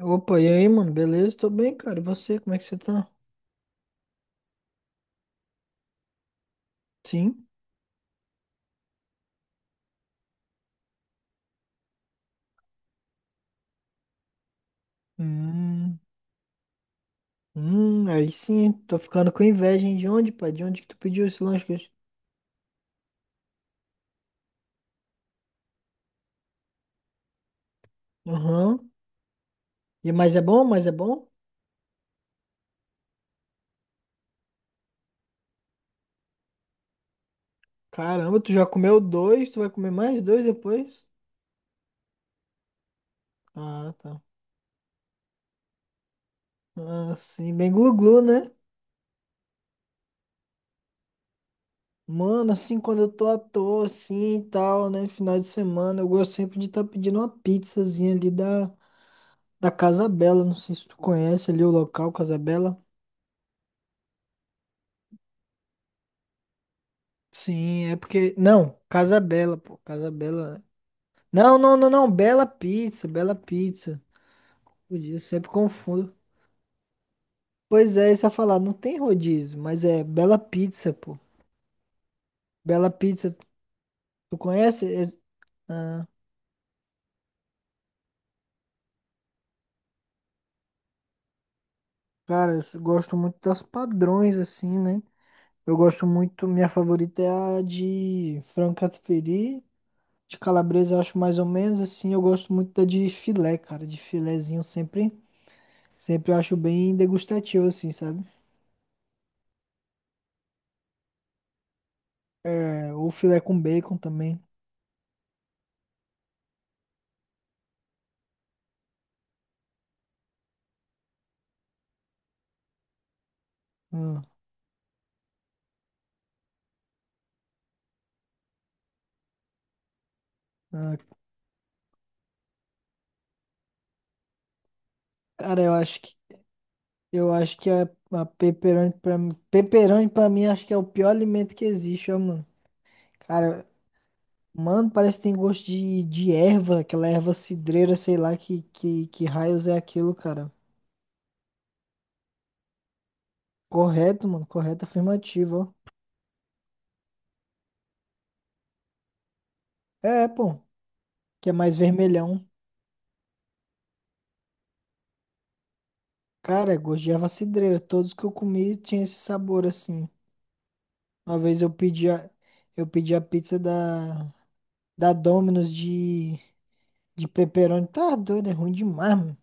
Opa, e aí, mano? Beleza? Tô bem, cara. E você, como é que você tá? Sim. Hum, hum. Aí sim, hein? Tô ficando com inveja, hein? De onde, pai? De onde que tu pediu esse lanche? Aham. E mas é bom? Mas é bom? Caramba, tu já comeu dois, tu vai comer mais dois depois? Ah, tá. Ah, sim, bem glu-glu, né? Mano, assim, quando eu tô à toa, assim e tal, né? Final de semana, eu gosto sempre de estar pedindo uma pizzazinha ali da Casa Bela. Não sei se tu conhece ali o local, Casa Bela. Sim, é porque. Não, Casa Bela, pô. Casa Bela. Não, não, não, não. Bela Pizza, Bela Pizza. Podia, eu sempre confundo. Pois é, isso eu ia falar, não tem rodízio, mas é Bela Pizza, pô. Bela Pizza, tu conhece? Ah, cara, eu gosto muito das padrões, assim, né? Eu gosto muito, minha favorita é a de frango catupiry. De calabresa eu acho mais ou menos assim. Eu gosto muito da de filé, cara. De filézinho sempre eu acho bem degustativo, assim, sabe? O filé com bacon também. Hum, ah, cara, eu acho que a pepperoni pra mim acho que é o pior alimento que existe, ó, mano. Cara, mano, parece que tem gosto de erva, aquela erva cidreira, sei lá que raios é aquilo, cara. Correto, mano, correto, afirmativo, ó. É, pô, que é mais vermelhão. Cara, é gosto de erva cidreira, todos que eu comi tinha esse sabor assim. Uma vez eu pedi a pizza da Domino's. De pepperoni, tá doido, é ruim demais, mano.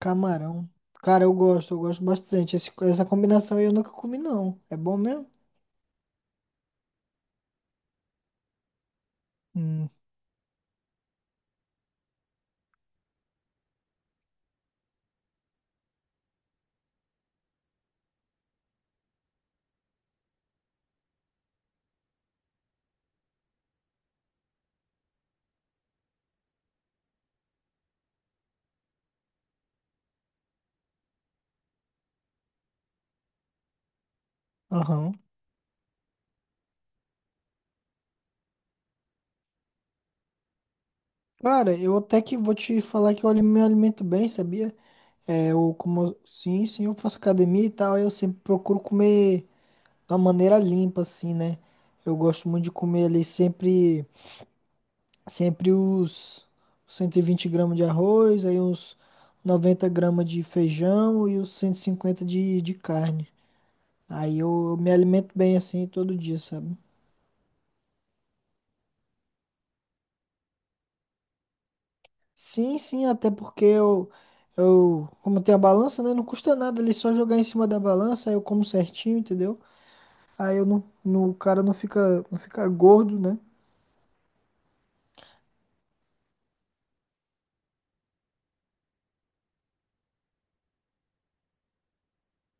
Camarão. Cara, eu gosto bastante. Essa combinação aí eu nunca comi, não. É bom mesmo? Hum, aham. Cara, eu até que vou te falar que eu me alimento bem, sabia? É, eu como. Sim, sim, eu faço academia e tal, eu sempre procuro comer de uma maneira limpa, assim, né? Eu gosto muito de comer ali sempre os 120 gramas de arroz, aí uns 90 gramas de feijão e os 150 de carne. Aí eu, me alimento bem assim todo dia, sabe? Sim, sim, até porque eu, como tem a balança, né? Não custa nada ali só jogar em cima da balança, aí eu como certinho, entendeu? Aí eu não, não, o cara não fica, não fica gordo, né?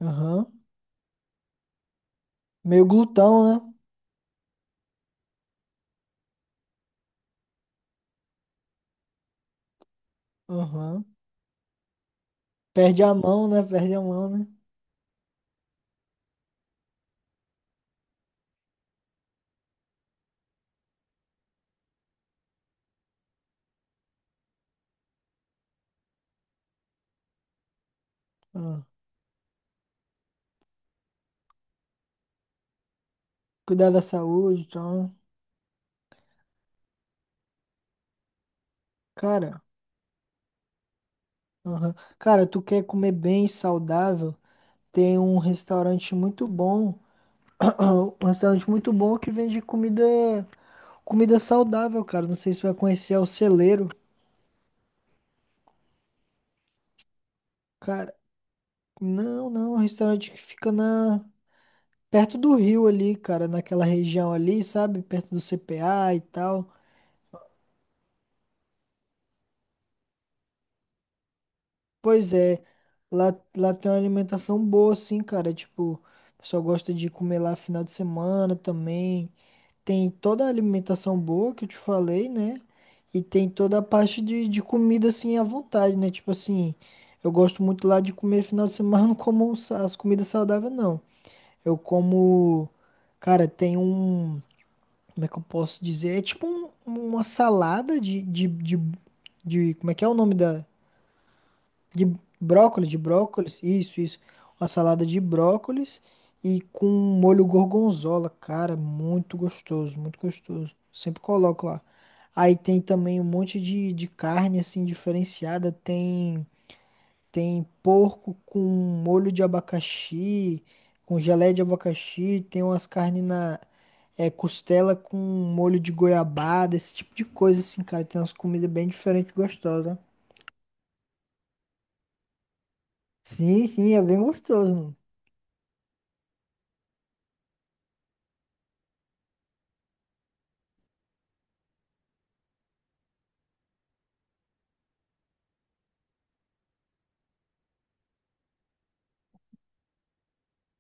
Aham. Meio glutão, né? Aham. Perde a mão, né? Perde a mão, né? Ah. Cuidar da saúde, então. Cara, aham. Cara, tu quer comer bem, saudável? Tem um restaurante muito bom. Um restaurante muito bom que vende comida. Comida saudável, cara. Não sei se você vai conhecer é o Celeiro. Cara, não, não. É um restaurante que fica perto do rio ali, cara. Naquela região ali, sabe? Perto do CPA e tal. Pois é. Lá tem uma alimentação boa, sim, cara. Tipo, o pessoal gosta de comer lá final de semana também. Tem toda a alimentação boa que eu te falei, né? E tem toda a parte de comida, assim, à vontade, né? Tipo assim, eu gosto muito lá de comer final de semana, mas não como as comidas saudáveis, não. Eu como, cara, tem um, como é que eu posso dizer? É tipo uma salada como é que é o nome da? De de brócolis, isso, isso. Uma salada de brócolis e com molho gorgonzola, cara, muito gostoso, muito gostoso. Sempre coloco lá. Aí tem também um monte de carne, assim, diferenciada, tem porco com molho de abacaxi, com geleia de abacaxi, tem umas carnes costela com molho de goiabada, esse tipo de coisa assim, cara. Tem umas comidas bem diferentes, e gostosas. Sim, sim, é bem gostoso, mano.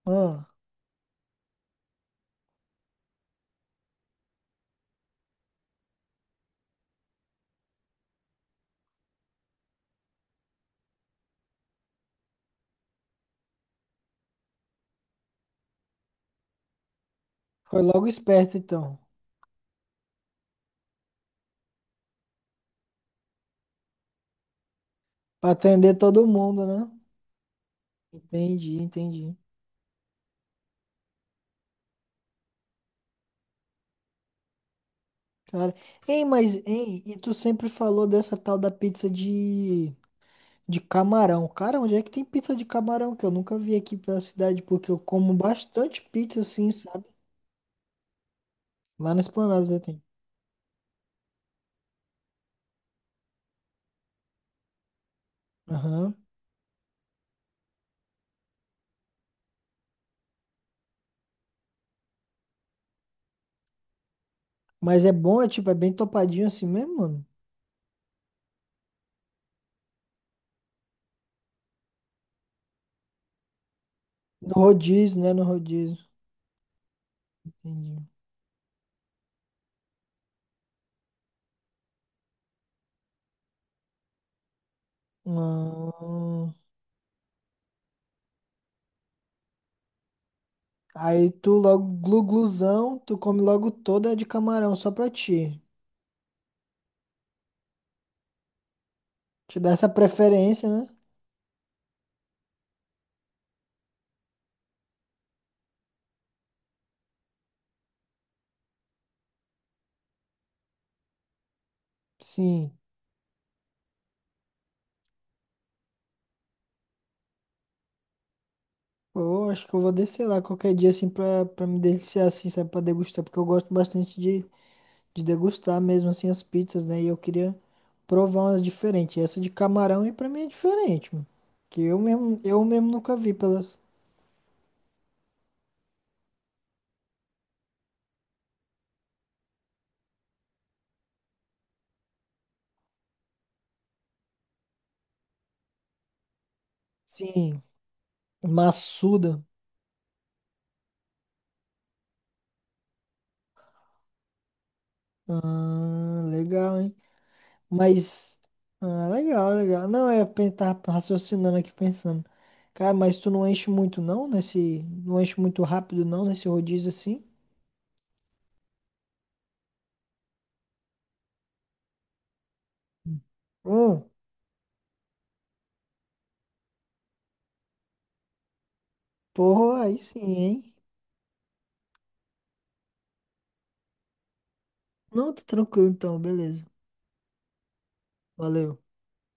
Ah, foi logo esperto então, pra atender todo mundo, né? Entendi, entendi. Cara, ei, mas ei, e tu sempre falou dessa tal da pizza de camarão. Cara, onde é que tem pizza de camarão? Que eu nunca vi aqui pela cidade, porque eu como bastante pizza assim, sabe? Lá na Esplanada tem. Aham. Mas é bom, é tipo, é bem topadinho assim mesmo, mano. No rodízio, né? No rodízio. Entendi. Ah, aí tu come logo toda de camarão, só pra ti. Te dá essa preferência, né? Sim. Pô, acho que eu vou descer lá qualquer dia assim pra, me deliciar assim, sabe? Pra degustar, porque eu gosto bastante de degustar mesmo assim as pizzas, né? E eu queria provar umas diferentes. E essa de camarão aí pra mim é diferente, mano. Que eu mesmo nunca vi pelas. Sim, maçuda. Ah, legal, hein? Mas. Ah, legal, legal. Não, é, tava raciocinando aqui, pensando. Cara, mas tu não enche muito não nesse. Não enche muito rápido não nesse rodízio assim? Hum, Porra, aí sim, hein? Não, tá tranquilo então, beleza. Valeu.